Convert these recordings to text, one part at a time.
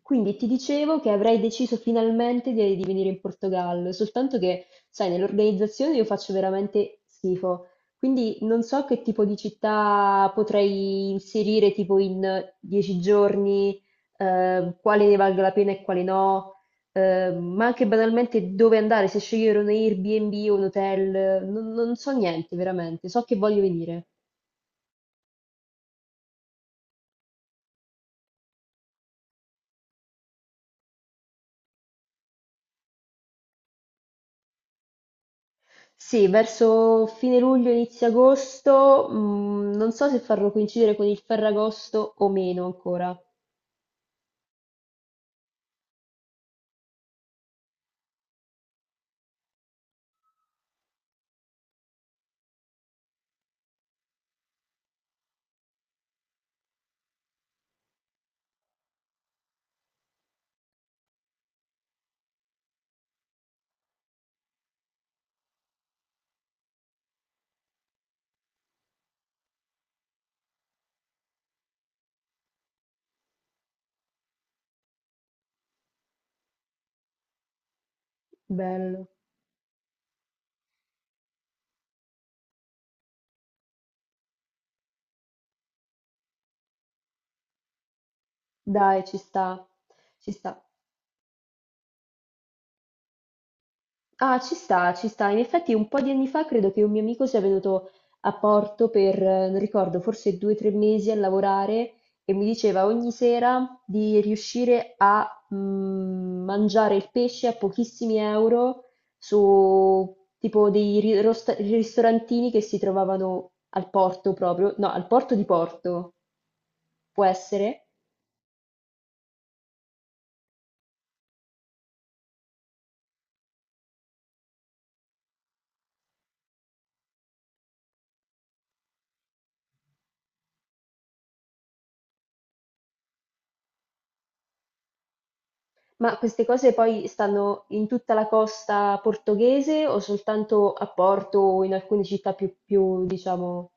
Quindi ti dicevo che avrei deciso finalmente di venire in Portogallo, soltanto che, sai, nell'organizzazione io faccio veramente schifo. Quindi non so che tipo di città potrei inserire tipo in 10 giorni, quale ne valga la pena e quale no, ma anche banalmente dove andare, se scegliere un Airbnb o un hotel, non so niente veramente, so che voglio venire. Sì, verso fine luglio, inizio agosto, non so se farlo coincidere con il Ferragosto o meno ancora. Bello. Dai, ci sta, ci sta. Ah, ci sta, ci sta. In effetti un po' di anni fa credo che un mio amico sia venuto a Porto per, non ricordo, forse 2 o 3 mesi a lavorare e mi diceva ogni sera di riuscire a mangiare il pesce a pochissimi euro su tipo dei ristorantini che si trovavano al porto proprio, no, al porto di Porto, può essere. Ma queste cose poi stanno in tutta la costa portoghese o soltanto a Porto o in alcune città più, diciamo,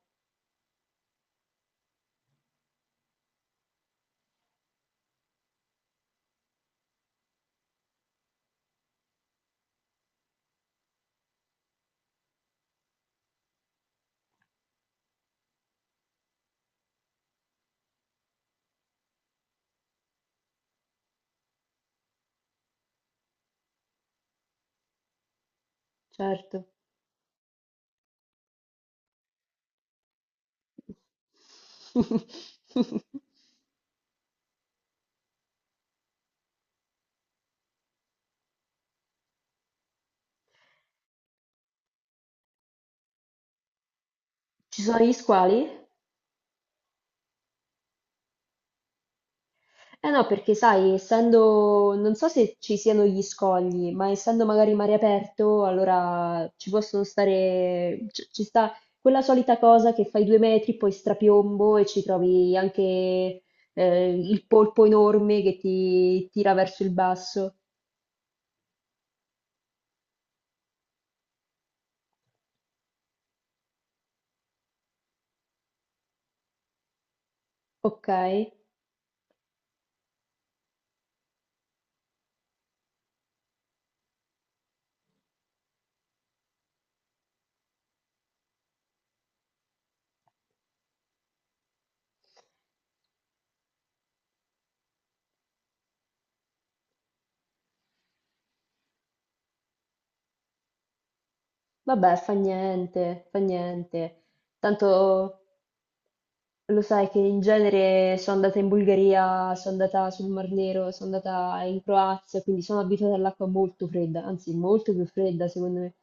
certo. Ci sono gli squali? Eh no, perché sai, essendo, non so se ci siano gli scogli, ma essendo magari mare aperto, allora ci possono stare, ci sta quella solita cosa che fai 2 metri, poi strapiombo e ci trovi anche il polpo enorme che ti tira verso il basso. Ok, vabbè, fa niente, fa niente. Tanto lo sai che in genere sono andata in Bulgaria, sono andata sul Mar Nero, sono andata in Croazia, quindi sono abituata all'acqua molto fredda, anzi molto più fredda secondo me.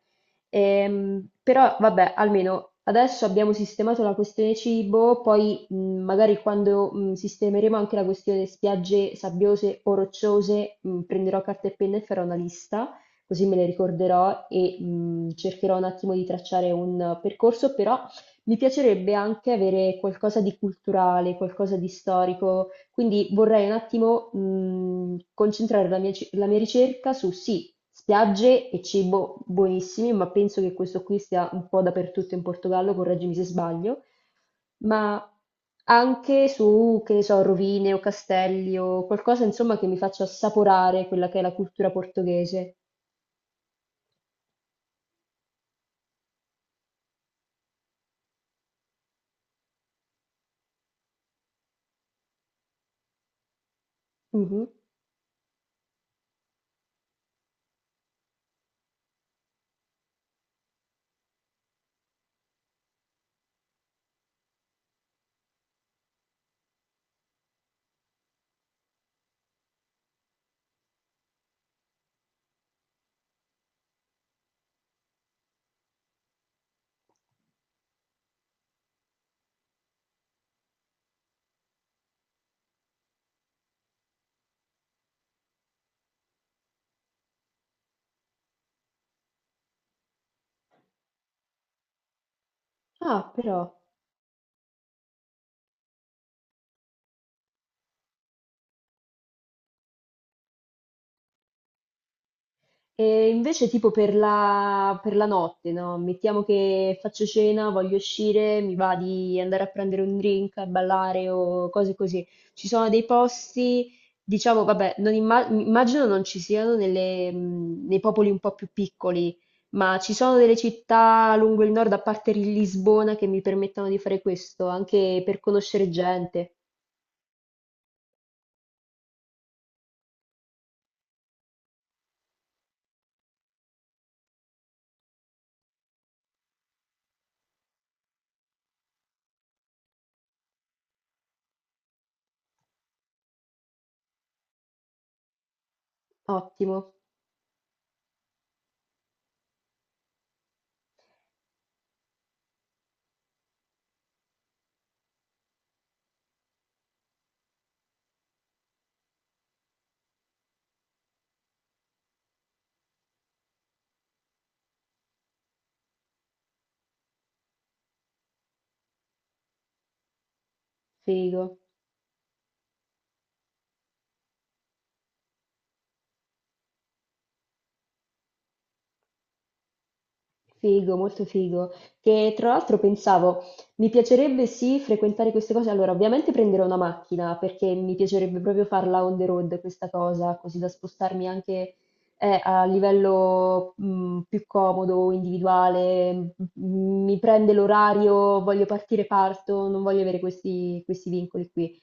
Però vabbè, almeno adesso abbiamo sistemato la questione cibo, poi magari quando sistemeremo anche la questione spiagge sabbiose o rocciose, prenderò carta e penna e farò una lista, così me le ricorderò e cercherò un attimo di tracciare un percorso, però mi piacerebbe anche avere qualcosa di culturale, qualcosa di storico, quindi vorrei un attimo concentrare la mia, la mia ricerca su sì, spiagge e cibo buonissimi, ma penso che questo qui sia un po' dappertutto in Portogallo, correggimi se sbaglio, ma anche su, che ne so, rovine o castelli o qualcosa insomma che mi faccia assaporare quella che è la cultura portoghese. Mhm. Ah, però. E invece tipo per la notte, no? Mettiamo che faccio cena, voglio uscire, mi va di andare a prendere un drink, a ballare o cose così. Ci sono dei posti, diciamo, vabbè, non immagino non ci siano nelle, nei popoli un po' più piccoli, ma ci sono delle città lungo il nord, a parte Lisbona, che mi permettono di fare questo, anche per conoscere gente. Ottimo, figo. Figo, molto figo. Che tra l'altro pensavo, mi piacerebbe sì frequentare queste cose. Allora, ovviamente prenderò una macchina perché mi piacerebbe proprio farla on the road questa cosa, così da spostarmi anche a livello più comodo, individuale. Mi prende l'orario, voglio partire, parto, non voglio avere questi vincoli qui.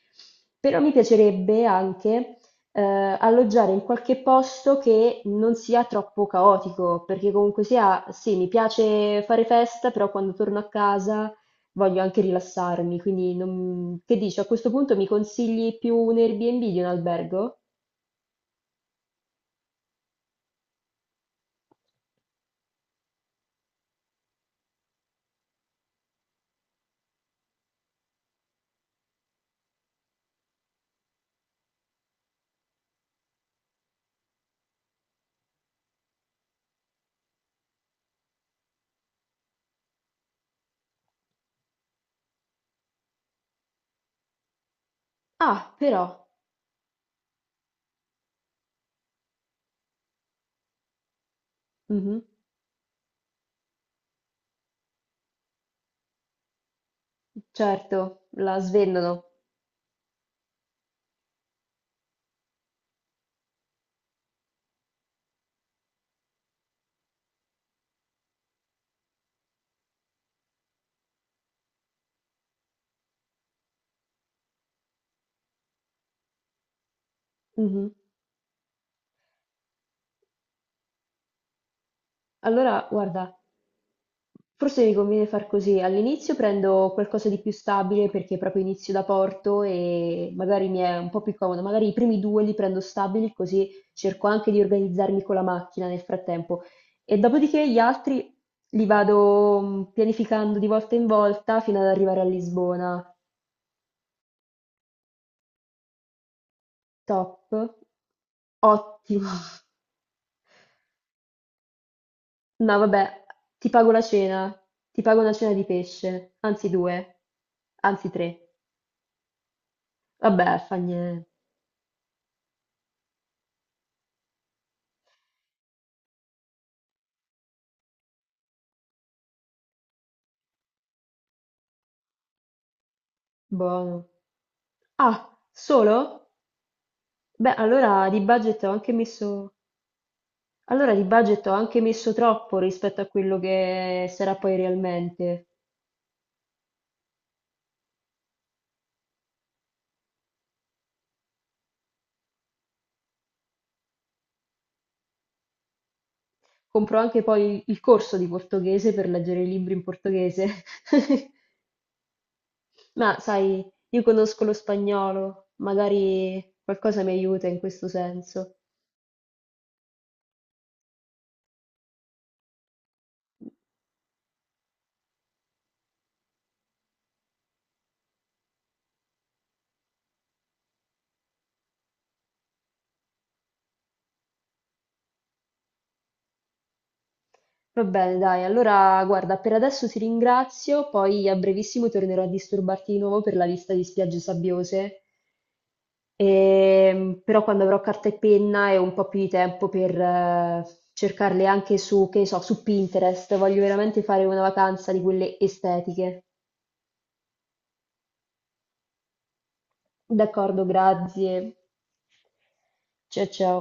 Però mi piacerebbe anche eh, alloggiare in qualche posto che non sia troppo caotico, perché comunque sia, sì, mi piace fare festa, però quando torno a casa voglio anche rilassarmi, quindi che dici, a questo punto mi consigli più un Airbnb di un albergo? Ah, però, mhm, certo, la svendono. Mhm. Allora, guarda. Forse mi conviene far così, all'inizio prendo qualcosa di più stabile perché proprio inizio da porto e magari mi è un po' più comodo, magari i primi due li prendo stabili così cerco anche di organizzarmi con la macchina nel frattempo e dopodiché gli altri li vado pianificando di volta in volta fino ad arrivare a Lisbona. Top, ottimo. No, vabbè, ti pago la cena, ti pago una cena di pesce, anzi due, anzi tre. Vabbè, fa niente, buono. Ah, solo? Beh, allora di budget ho anche messo troppo rispetto a quello che sarà poi realmente. Compro anche poi il corso di portoghese per leggere i libri in portoghese. Ma sai, io conosco lo spagnolo, magari qualcosa mi aiuta in questo senso. Va bene, dai, allora guarda, per adesso ti ringrazio, poi a brevissimo tornerò a disturbarti di nuovo per la lista di spiagge sabbiose. Però quando avrò carta e penna e un po' più di tempo per cercarle anche su, che ne so, su Pinterest, voglio veramente fare una vacanza di quelle estetiche. D'accordo, grazie. Ciao ciao.